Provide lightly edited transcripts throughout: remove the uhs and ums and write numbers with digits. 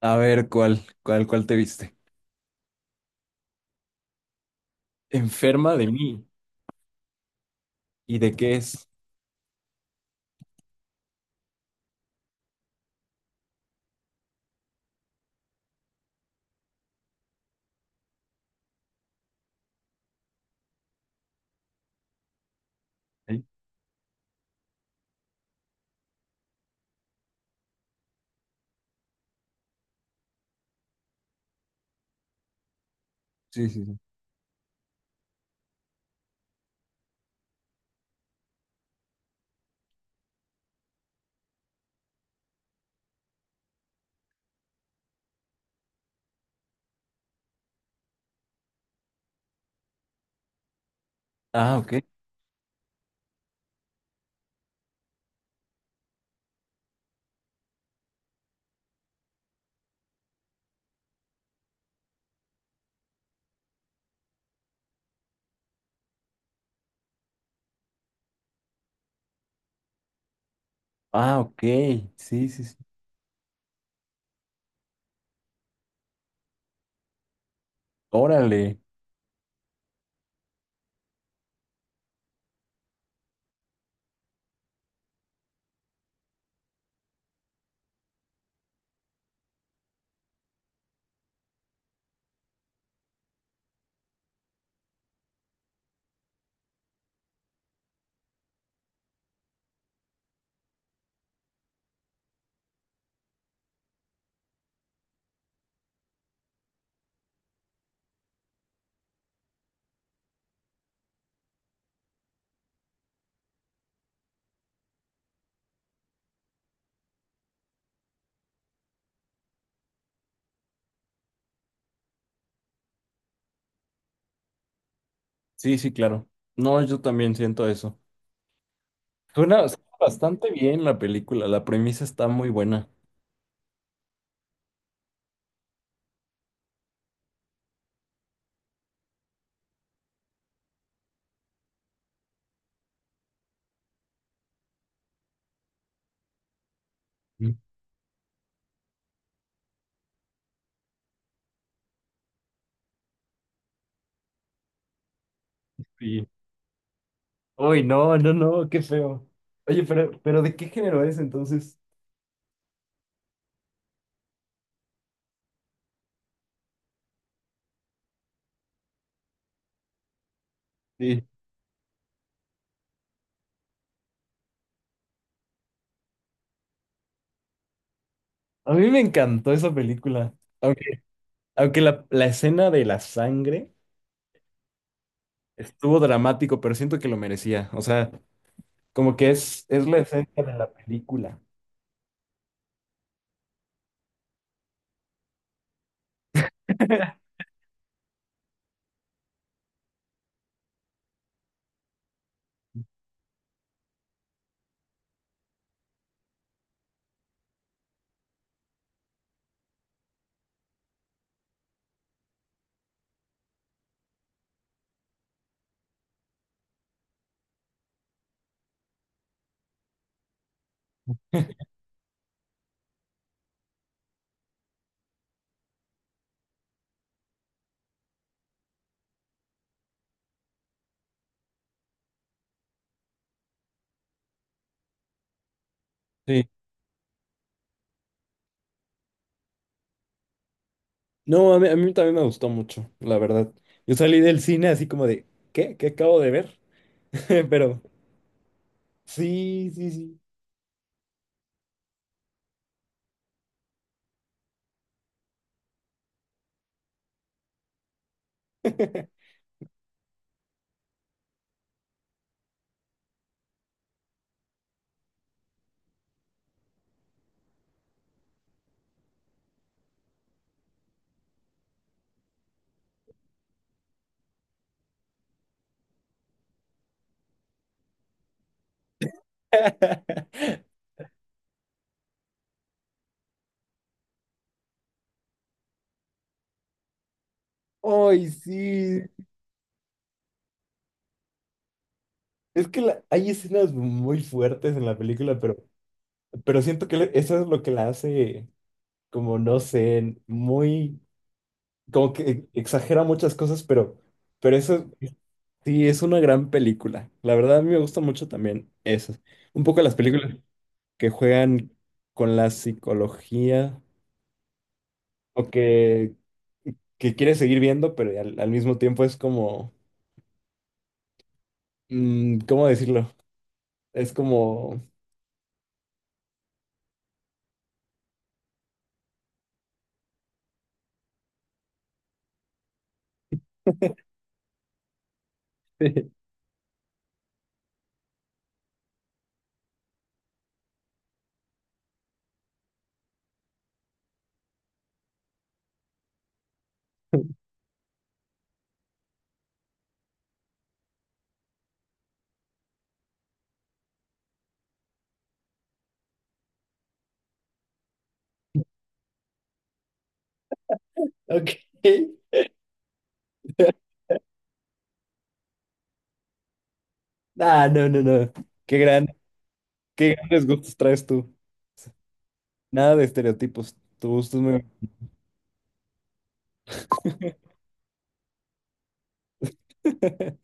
A ver, ¿cuál te viste? Enferma de mí. ¿Y de qué es? ¿Eh? Sí, sí, sí. Ah, ok. Ah, ok. Sí, sí, sí. Órale. Sí, sí, claro. No, yo también siento eso. Suena bastante bien la película. La premisa está muy buena. Sí. Sí. Uy, no, no, no, qué feo. Oye, pero ¿de qué género es entonces? Sí. A mí me encantó esa película. Aunque, aunque la escena de la sangre estuvo dramático, pero siento que lo merecía. O sea. Como que es la esencia de la película. Sí. No, a mí también me gustó mucho, la verdad. Yo salí del cine así como de, ¿qué? ¿Qué acabo de ver? Pero sí, sí, sí. Ay, sí. Es que hay escenas muy fuertes en la película, pero siento que eso es lo que la hace, como no sé, muy, como que exagera muchas cosas, pero eso. Sí, es una gran película. La verdad, a mí me gusta mucho también esas. Un poco las películas que juegan con la psicología o que quieres seguir viendo, pero al mismo tiempo es como, ¿cómo decirlo? Es como... Ok. Ah, no, no, no. Qué gran, qué grandes gustos traes tú. Nada de estereotipos. Tu gusto es muy...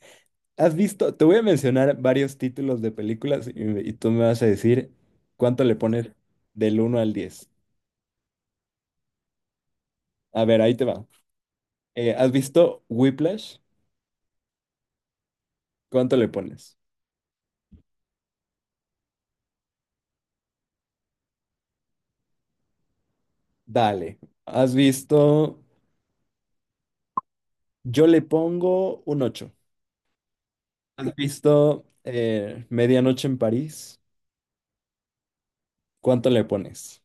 ¿Has visto? Te voy a mencionar varios títulos de películas y tú me vas a decir cuánto le pones del uno al 10. A ver, ahí te va. ¿Has visto Whiplash? ¿Cuánto le pones? Dale. ¿Has visto? Yo le pongo un 8. ¿Has visto Medianoche en París? ¿Cuánto le pones?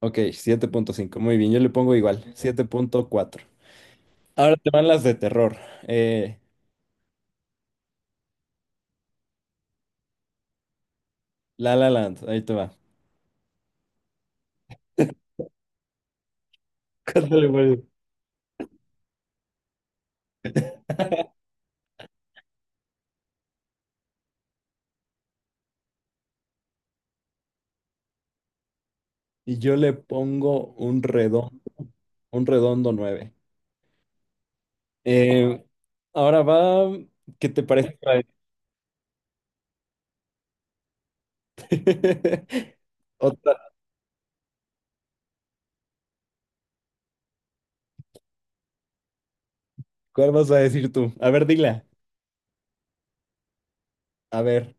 Ok, 7.5, muy bien, yo le pongo igual, 7.4. Ahora te van las de terror. Eh, La La Land, ahí te va. ¿Cuánto le pones? Y yo le pongo un redondo nueve. Eh, ahora va, ¿qué te parece? ¿Para este? Otra, ¿cuál vas a decir tú? A ver, dila. A ver.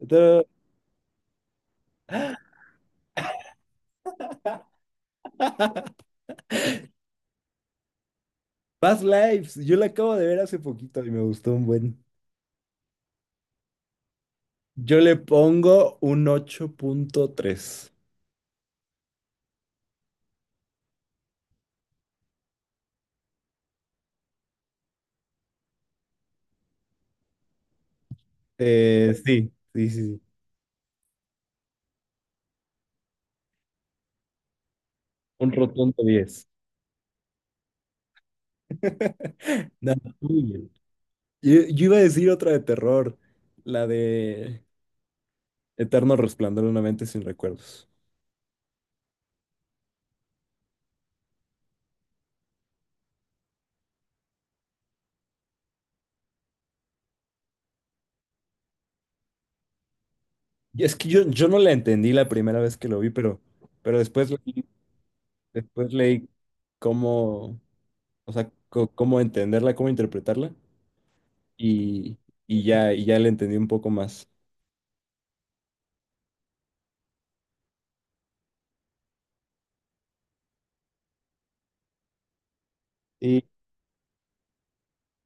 Otra- Past Lives, yo la acabo de ver hace poquito y me gustó un buen. Yo le pongo un 8.3. Sí, sí, sí, sí. Un rotundo 10. No, muy bien. Yo iba a decir otra de terror, la de... Eterno resplandor de una mente sin recuerdos. Y es que yo no la entendí la primera vez que lo vi, pero después leí cómo, o sea, cómo entenderla, cómo interpretarla, y, y ya la entendí un poco más. Y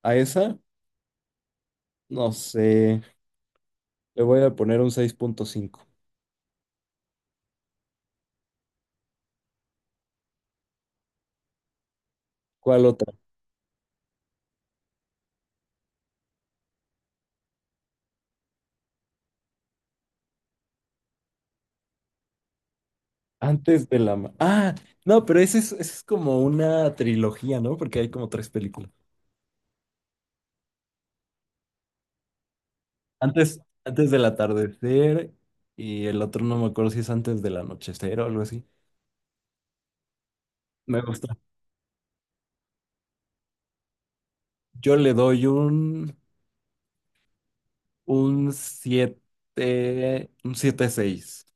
a esa, no sé, le voy a poner un 6.5. ¿Cuál otra? Antes de la... Ah, no, pero esa es como una trilogía, ¿no? Porque hay como tres películas. Antes del atardecer y el otro no me acuerdo si es antes del anochecer o algo así. Me gusta. Yo le doy un siete seis.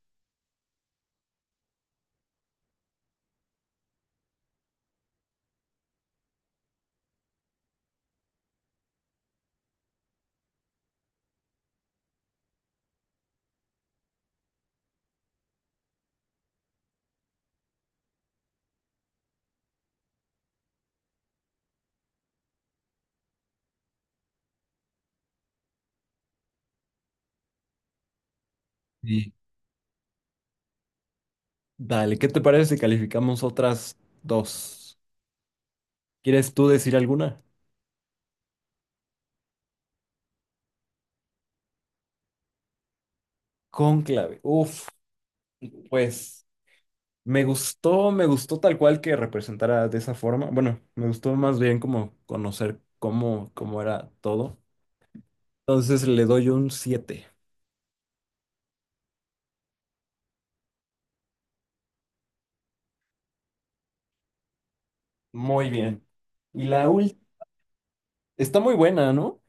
Sí. Dale, ¿qué te parece si calificamos otras dos? ¿Quieres tú decir alguna? Cónclave. Uf, pues me gustó tal cual que representara de esa forma. Bueno, me gustó más bien como conocer cómo, cómo era todo. Entonces le doy un siete. Muy bien. Y la última. Está muy buena, ¿no?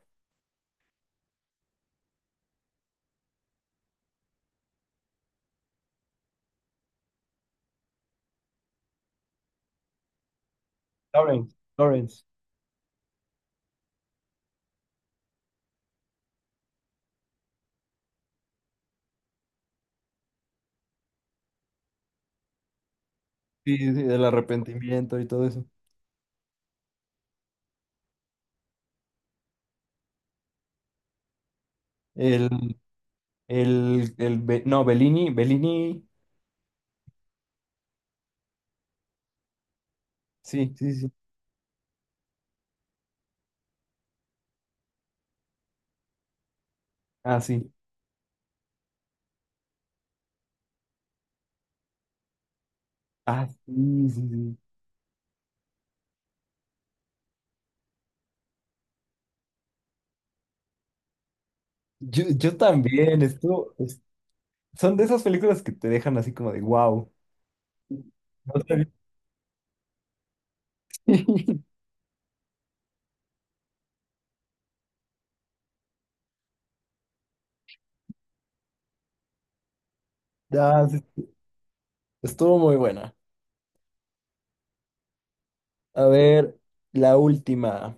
Lawrence, Lawrence. Sí, sí, el arrepentimiento y todo eso. El, el, no, Bellini, Bellini. Sí, sí, sí. Ah, sí. Ah, sí, sí, sí. Yo también, esto, son de esas películas que te dejan así como de wow. No sabía. Ah, sí, estuvo muy buena. A ver, la última.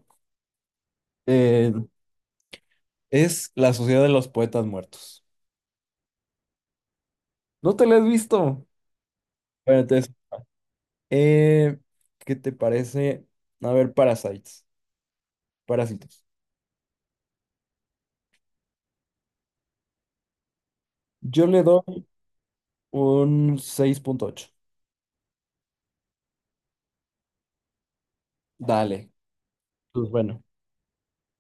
Eh, es La Sociedad de los Poetas Muertos. ¿No te la has visto? Bueno, entonces, eh, ¿qué te parece? A ver, Parasites. Parásitos. Yo le doy un 6.8. Dale. Pues bueno,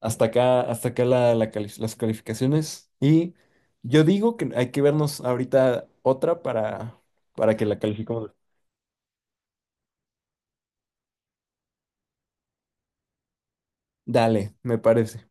hasta acá las calificaciones. Y yo digo que hay que vernos ahorita otra para, que la califiquemos. Dale, me parece.